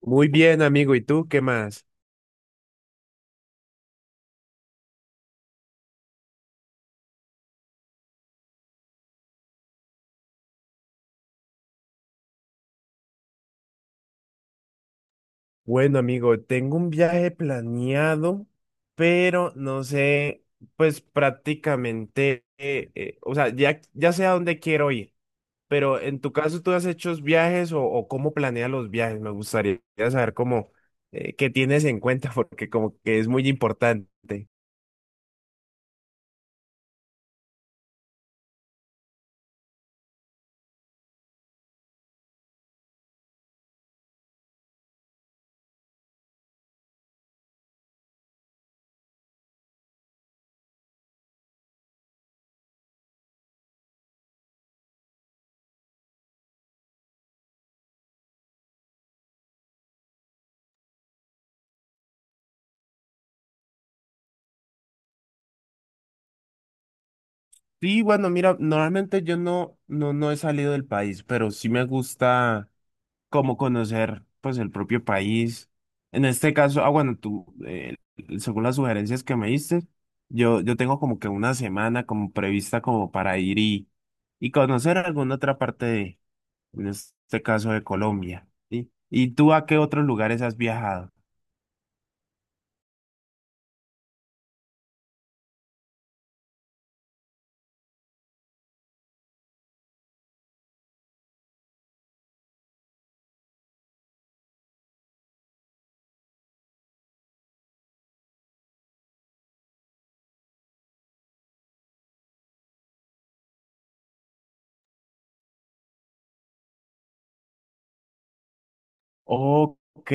Muy bien, amigo. ¿Y tú qué más? Bueno, amigo, tengo un viaje planeado, pero no sé, pues prácticamente, o sea, ya sé a dónde quiero ir, pero en tu caso, ¿tú has hecho viajes o cómo planeas los viajes? Me gustaría saber cómo, qué tienes en cuenta, porque como que es muy importante. Sí, bueno, mira, normalmente yo no he salido del país, pero sí me gusta como conocer pues el propio país. En este caso, ah, bueno, tú, según las sugerencias que me diste, yo tengo como que una semana como prevista como para ir y conocer alguna otra parte de, en este caso de Colombia, ¿sí? ¿Y tú a qué otros lugares has viajado? Ok.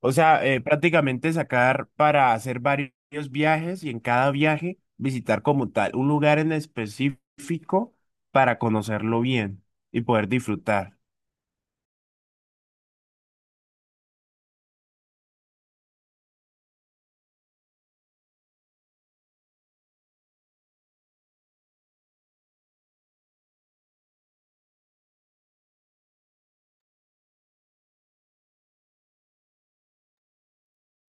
O sea, prácticamente sacar para hacer varios viajes y en cada viaje visitar como tal un lugar en específico para conocerlo bien y poder disfrutar.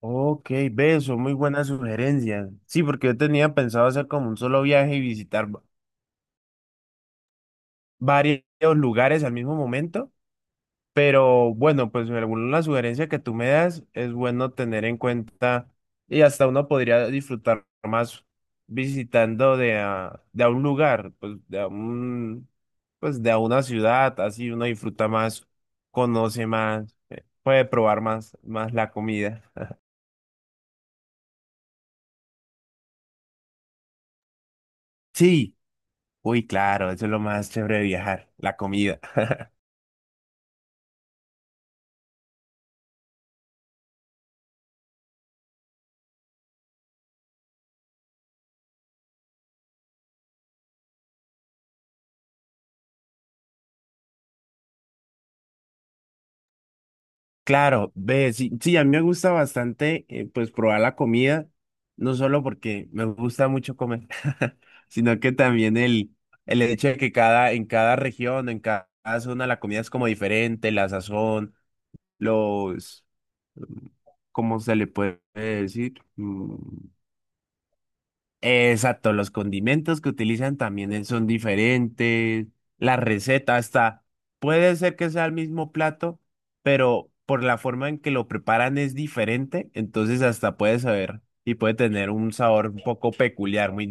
Ok, ve, son muy buenas sugerencias. Sí, porque yo tenía pensado hacer como un solo viaje y visitar varios lugares al mismo momento. Pero bueno, pues alguna sugerencia que tú me das es bueno tener en cuenta y hasta uno podría disfrutar más visitando de a un lugar, pues de a un, pues de a una ciudad, así uno disfruta más, conoce más, puede probar más, más la comida. Sí, uy, claro, eso es lo más chévere de viajar, la comida. Claro, ve, sí, sí, a mí me gusta bastante, pues, probar la comida, no solo porque me gusta mucho comer, sino que también el hecho de que cada, en cada región, en cada zona, la comida es como diferente, la sazón, los, ¿cómo se le puede decir? Exacto, los condimentos que utilizan también son diferentes, la receta hasta puede ser que sea el mismo plato, pero por la forma en que lo preparan es diferente, entonces hasta puede saber y puede tener un sabor un poco peculiar, muy.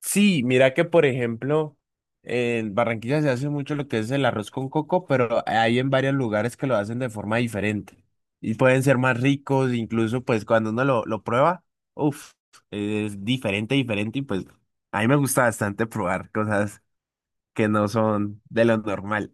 Sí, mira que por ejemplo, en Barranquilla se hace mucho lo que es el arroz con coco, pero hay en varios lugares que lo hacen de forma diferente y pueden ser más ricos, incluso pues cuando uno lo prueba, uff, es diferente, diferente y pues a mí me gusta bastante probar cosas que no son de lo normal.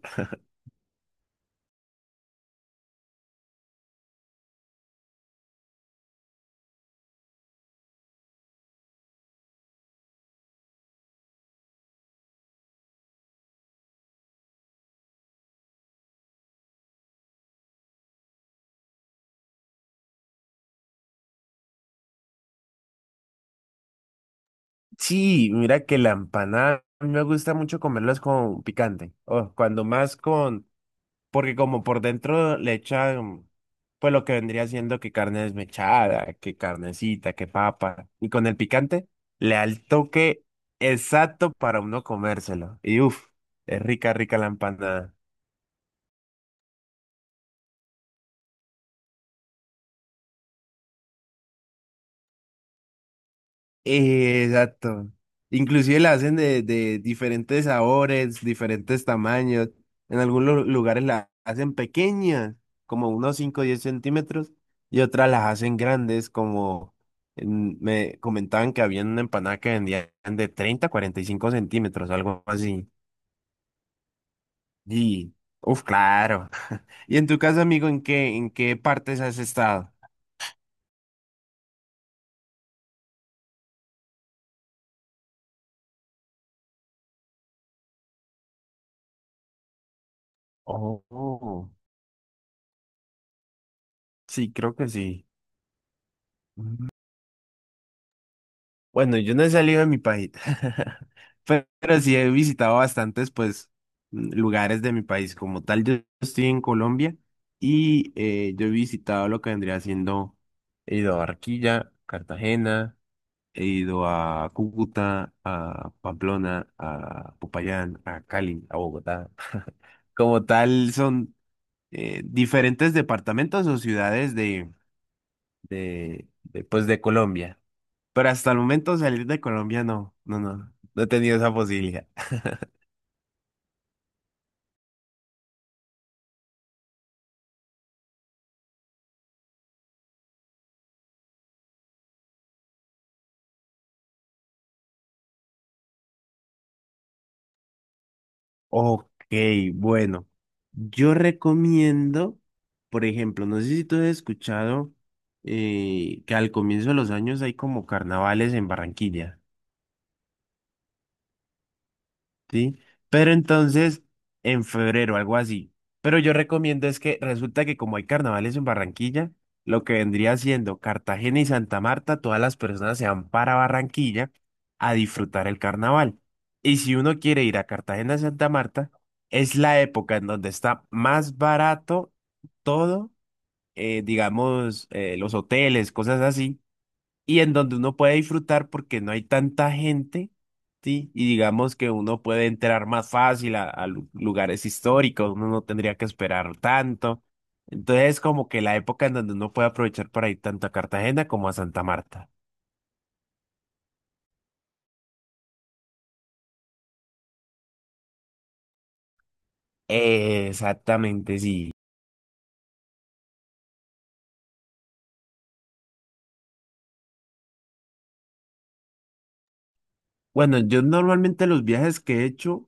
Sí, mira que la empanada, a mí me gusta mucho comerlas con picante, o cuando más con. Porque como por dentro le echan, pues lo que vendría siendo que carne desmechada, que carnecita, que papa. Y con el picante le da el toque exacto para uno comérselo. Y uff, es rica, rica la empanada. Exacto. Inclusive la hacen de diferentes sabores, diferentes tamaños. En algunos lugares la hacen pequeñas, como unos 5 o 10 centímetros, y otras las hacen grandes, como me comentaban que había una empanada que vendían de 30 a 45 centímetros, algo así. Y, uf, claro. Y en tu caso, amigo, en qué partes has estado? Oh, sí, creo que sí. Bueno, yo no he salido de mi país, pero sí he visitado bastantes, pues, lugares de mi país. Como tal, yo estoy en Colombia y yo he visitado lo que vendría siendo, he ido a Barquilla, Cartagena, he ido a Cúcuta, a Pamplona, a Popayán, a Cali, a Bogotá. Como tal, son diferentes departamentos o ciudades de, pues, de Colombia. Pero hasta el momento salir de Colombia no he tenido esa posibilidad. Ok, bueno, yo recomiendo, por ejemplo, no sé si tú has escuchado que al comienzo de los años hay como carnavales en Barranquilla. Sí, pero entonces en febrero, algo así. Pero yo recomiendo es que resulta que como hay carnavales en Barranquilla, lo que vendría siendo Cartagena y Santa Marta, todas las personas se van para Barranquilla a disfrutar el carnaval. Y si uno quiere ir a Cartagena y Santa Marta, es la época en donde está más barato todo, digamos, los hoteles, cosas así y en donde uno puede disfrutar porque no hay tanta gente, ¿sí? Y digamos que uno puede entrar más fácil a lugares históricos, uno no tendría que esperar tanto. Entonces es como que la época en donde uno puede aprovechar para ir tanto a Cartagena como a Santa Marta. Exactamente, sí. Bueno, yo normalmente los viajes que he hecho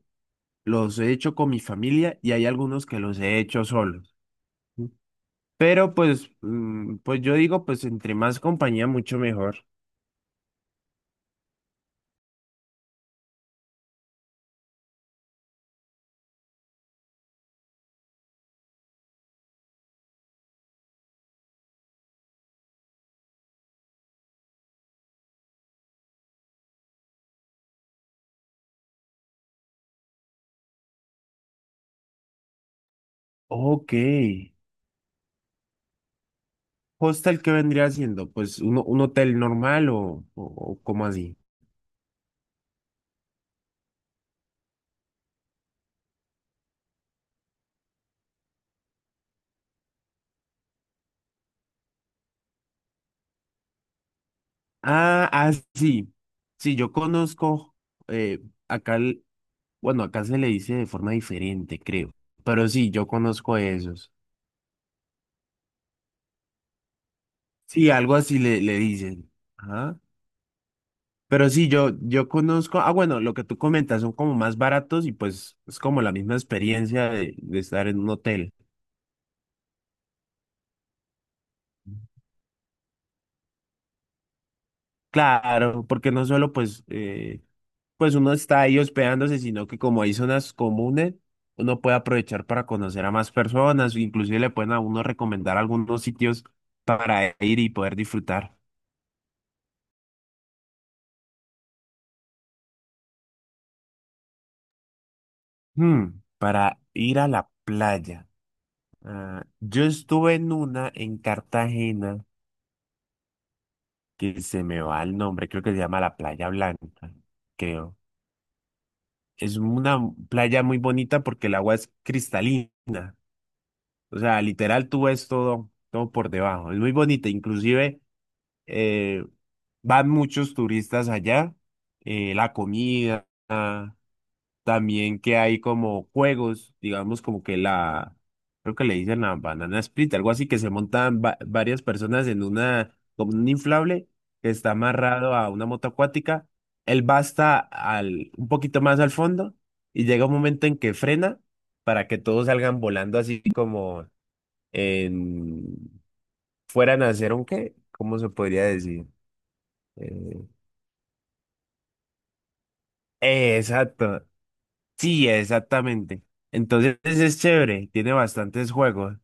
los he hecho con mi familia y hay algunos que los he hecho solos. ¿Sí? Pero pues, pues yo digo, pues entre más compañía, mucho mejor. Ok. ¿Hostel qué vendría siendo? Pues un hotel normal o cómo así. Ah, ah, sí. Sí, yo conozco eh, acá, bueno, acá se le dice de forma diferente, creo. Pero sí, yo conozco esos. Sí, algo así le, le dicen. Ajá. Pero sí, yo conozco, ah, bueno, lo que tú comentas son como más baratos y pues es como la misma experiencia de estar en un hotel. Claro, porque no solo pues pues uno está ahí hospedándose, sino que como hay zonas comunes, uno puede aprovechar para conocer a más personas, inclusive le pueden a uno recomendar algunos sitios para ir y poder disfrutar. Hmm, para ir a la playa. Ah, yo estuve en una en Cartagena que se me va el nombre, creo que se llama la Playa Blanca, creo. Es una playa muy bonita porque el agua es cristalina. O sea, literal tú ves todo, todo por debajo. Es muy bonita, inclusive. eh, van muchos turistas allá, la comida, también que hay como juegos, digamos como que la, creo que le dicen la banana split, algo así que se montan varias personas en una, como un inflable que está amarrado a una moto acuática, él va hasta al, un poquito más al fondo y llega un momento en que frena para que todos salgan volando así como en, fueran a hacer un qué, ¿cómo se podría decir? Eh, Exacto. Sí, exactamente. Entonces es chévere, tiene bastantes juegos.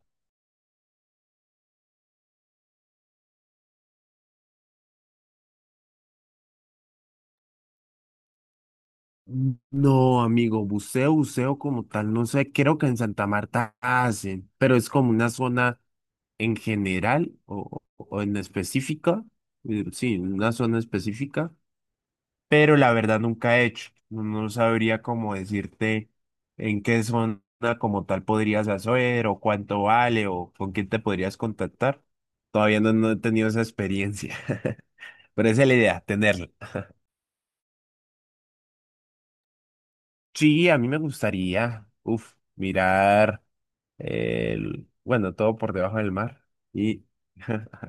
No, amigo, buceo, buceo como tal, no sé, creo que en Santa Marta hacen, pero es como una zona en general o en específica, sí, una zona específica pero la verdad nunca he hecho. No sabría cómo decirte en qué zona como tal podrías hacer o cuánto vale o con quién te podrías contactar. Todavía no, no he tenido esa experiencia, pero esa es la idea, tenerla. Sí, a mí me gustaría, uf, mirar el, bueno, todo por debajo del mar y,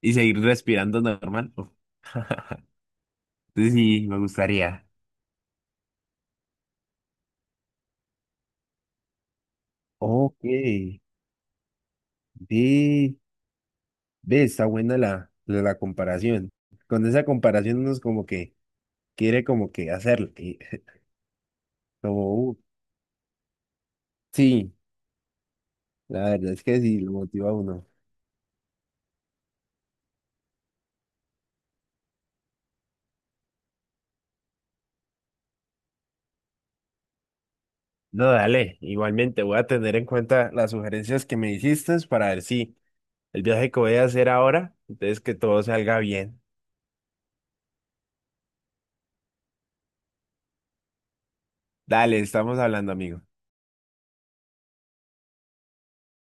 y seguir respirando normal. Uf. Entonces sí, me gustaría. Ok, sí. Ve, está buena la, la, la comparación. Con esa comparación uno es como que quiere como que hacerlo. Y como, sí, la verdad es que sí, lo motiva a uno. No, dale, igualmente voy a tener en cuenta las sugerencias que me hiciste para ver si el viaje que voy a hacer ahora, entonces que todo salga bien. Dale, estamos hablando, amigo.